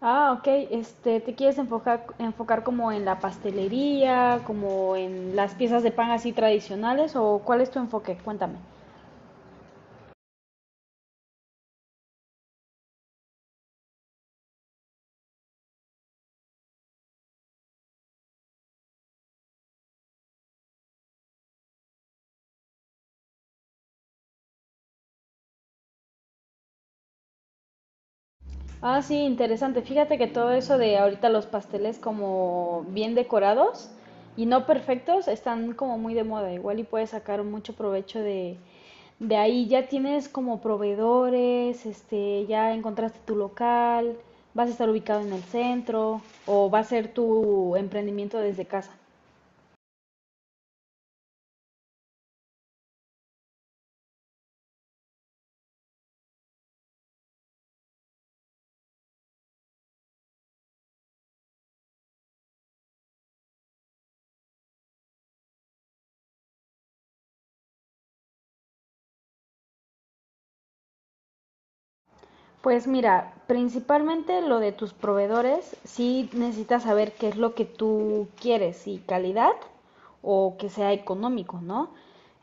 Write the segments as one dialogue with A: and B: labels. A: Ah, ok. ¿Te quieres enfocar como en la pastelería, como en las piezas de pan así tradicionales o cuál es tu enfoque? Cuéntame. Ah, sí, interesante. Fíjate que todo eso de ahorita los pasteles como bien decorados y no perfectos están como muy de moda. Igual y puedes sacar mucho provecho de ahí. Ya tienes como proveedores, ya encontraste tu local, vas a estar ubicado en el centro o va a ser tu emprendimiento desde casa. Pues mira, principalmente lo de tus proveedores, sí necesitas saber qué es lo que tú quieres, si calidad o que sea económico, ¿no?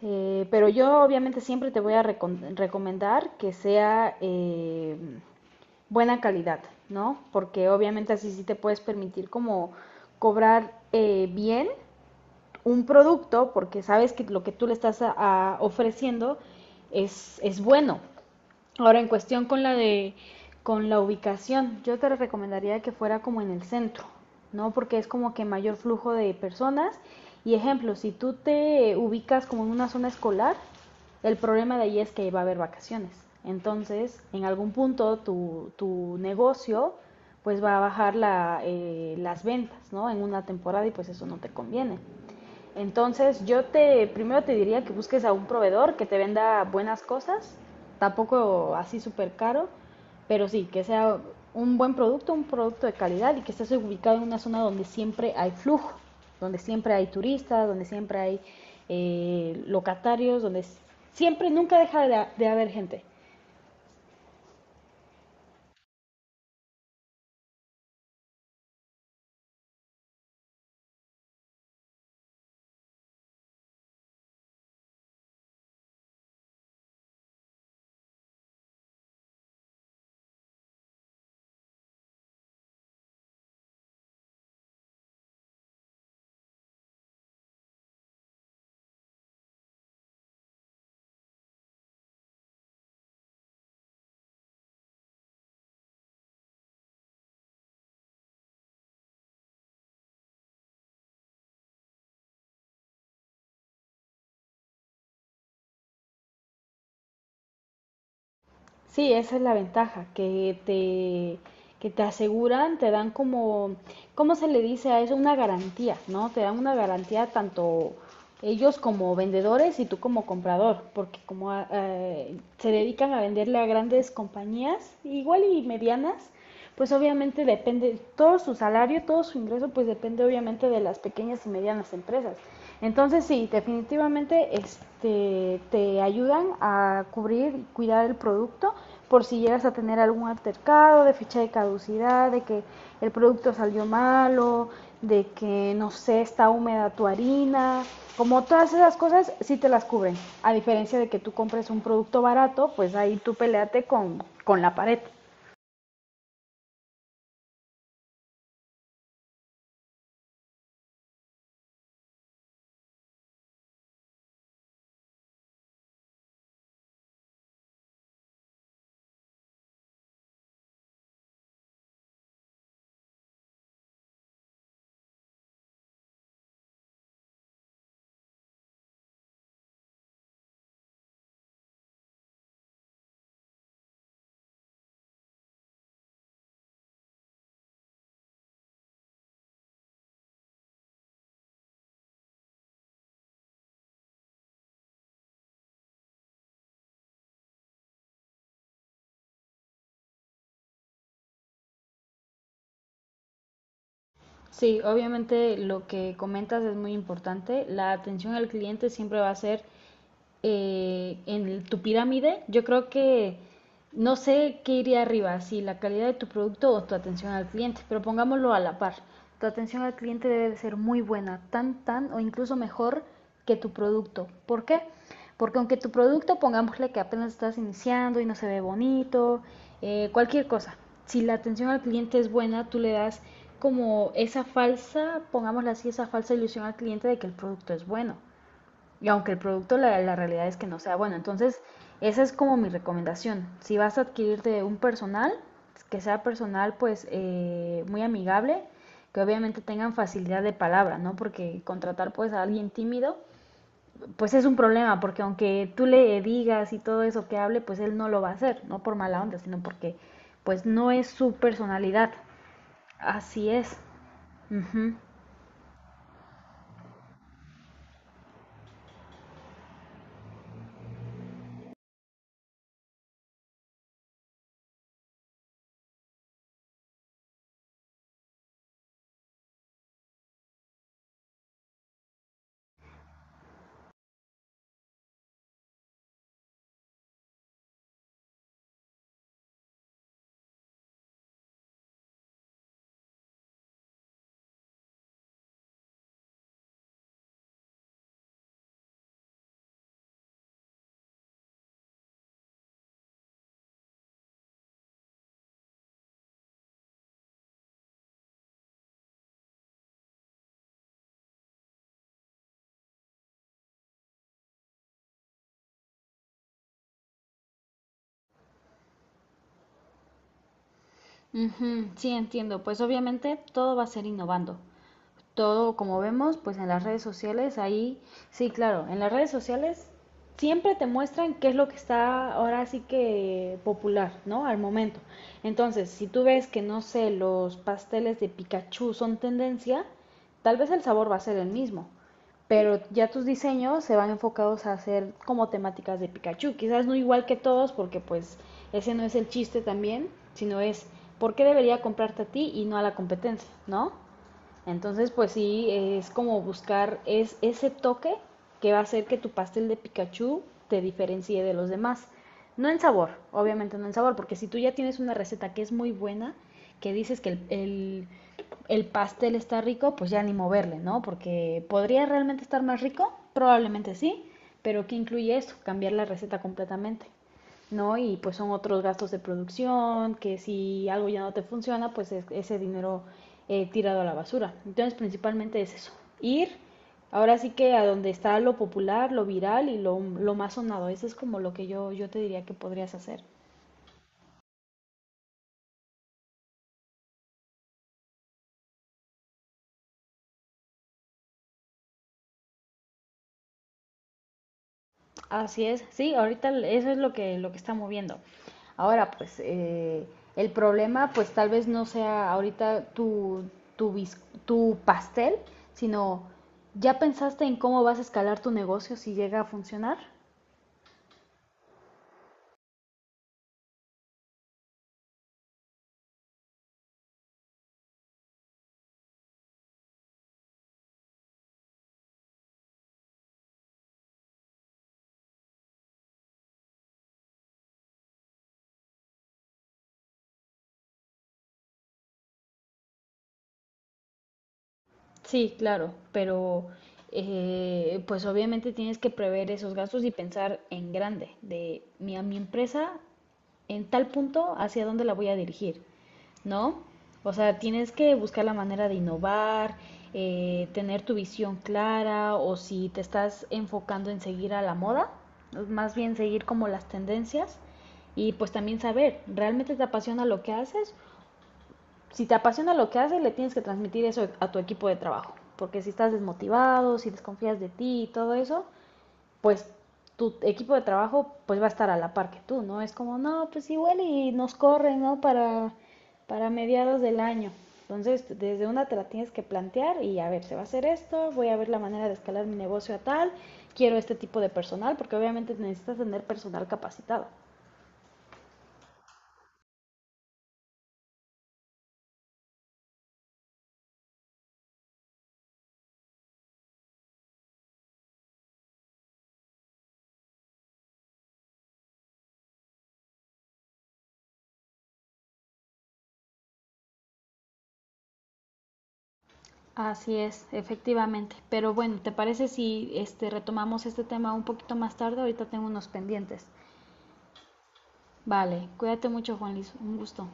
A: Pero yo obviamente siempre te voy a recomendar que sea buena calidad, ¿no? Porque obviamente así sí te puedes permitir como cobrar bien un producto porque sabes que lo que tú le estás a ofreciendo es bueno. Ahora, en cuestión con la de con la ubicación, yo te recomendaría que fuera como en el centro, ¿no? Porque es como que mayor flujo de personas. Y ejemplo, si tú te ubicas como en una zona escolar, el problema de ahí es que va a haber vacaciones. Entonces, en algún punto tu negocio pues va a bajar las ventas, ¿no? En una temporada y pues eso no te conviene. Entonces yo te primero te diría que busques a un proveedor que te venda buenas cosas, tampoco así súper caro, pero sí, que sea un buen producto, un producto de calidad y que estés ubicado en una zona donde siempre hay flujo, donde siempre hay turistas, donde siempre hay locatarios, donde siempre, nunca deja de haber gente. Sí, esa es la ventaja, que te aseguran, te dan como, ¿cómo se le dice a eso? Una garantía, ¿no? Te dan una garantía tanto ellos como vendedores y tú como comprador, porque como se dedican a venderle a grandes compañías, igual y medianas, pues obviamente depende, todo su salario, todo su ingreso, pues depende obviamente de las pequeñas y medianas empresas. Entonces sí, definitivamente te ayudan a cubrir y cuidar el producto por si llegas a tener algún altercado de fecha de caducidad, de que el producto salió malo, de que no sé, está húmeda tu harina, como todas esas cosas sí te las cubren. A diferencia de que tú compres un producto barato, pues ahí tú peleate con la pared. Sí, obviamente lo que comentas es muy importante. La atención al cliente siempre va a ser en tu pirámide. Yo creo que no sé qué iría arriba, si la calidad de tu producto o tu atención al cliente, pero pongámoslo a la par. Tu atención al cliente debe de ser muy buena, tan o incluso mejor que tu producto. ¿Por qué? Porque aunque tu producto, pongámosle que apenas estás iniciando y no se ve bonito, cualquier cosa, si la atención al cliente es buena, tú le das como esa falsa, pongámosle así, esa falsa ilusión al cliente de que el producto es bueno. Y aunque el producto, la realidad es que no sea bueno. Entonces, esa es como mi recomendación. Si vas a adquirirte un personal, que sea personal pues muy amigable, que obviamente tengan facilidad de palabra, ¿no? Porque contratar pues a alguien tímido, pues es un problema, porque aunque tú le digas y todo eso que hable, pues él no lo va a hacer, no por mala onda, sino porque pues no es su personalidad. Así es. Ujú. Ujú, sí, entiendo. Pues obviamente todo va a ser innovando. Todo como vemos, pues en las redes sociales, ahí, sí, claro, en las redes sociales siempre te muestran qué es lo que está ahora sí que popular, ¿no? Al momento. Entonces, si tú ves que, no sé, los pasteles de Pikachu son tendencia, tal vez el sabor va a ser el mismo, pero ya tus diseños se van enfocados a hacer como temáticas de Pikachu, quizás no igual que todos, porque pues ese no es el chiste también, sino es, ¿por qué debería comprarte a ti y no a la competencia, ¿no? Entonces, pues sí, es como buscar ese toque que va a hacer que tu pastel de Pikachu te diferencie de los demás. No en sabor, obviamente no en sabor, porque si tú ya tienes una receta que es muy buena, que dices que el pastel está rico, pues ya ni moverle, ¿no? Porque podría realmente estar más rico, probablemente sí, pero ¿qué incluye eso? Cambiar la receta completamente. ¿No? Y pues son otros gastos de producción, que si algo ya no te funciona, pues ese dinero tirado a la basura. Entonces, principalmente es eso, ir ahora sí que a donde está lo popular, lo viral y lo más sonado. Eso es como lo que yo te diría que podrías hacer. Así es, sí, ahorita eso es lo que está moviendo. Ahora, pues, el problema, pues tal vez no sea ahorita tu, bis- tu pastel, sino ya pensaste en cómo vas a escalar tu negocio si llega a funcionar. Sí, claro, pero pues obviamente tienes que prever esos gastos y pensar en grande, a mi empresa en tal punto hacia dónde la voy a dirigir, ¿no? O sea, tienes que buscar la manera de innovar, tener tu visión clara o si te estás enfocando en seguir a la moda, más bien seguir como las tendencias y pues también saber, ¿realmente te apasiona lo que haces si te apasiona lo que haces, le tienes que transmitir eso a tu equipo de trabajo. Porque si estás desmotivado, si desconfías de ti y todo eso, pues tu equipo de trabajo pues va a estar a la par que tú, ¿no? Es como, no, pues igual y nos corren, ¿no? Para mediados del año. Entonces, desde una te la tienes que plantear y a ver, se va a hacer esto, voy a ver la manera de escalar mi negocio a tal, quiero este tipo de personal, porque obviamente necesitas tener personal capacitado. Así es, efectivamente. Pero bueno, ¿te parece si retomamos este tema un poquito más tarde? Ahorita tengo unos pendientes. Vale, cuídate mucho, Juan Luis. Un gusto.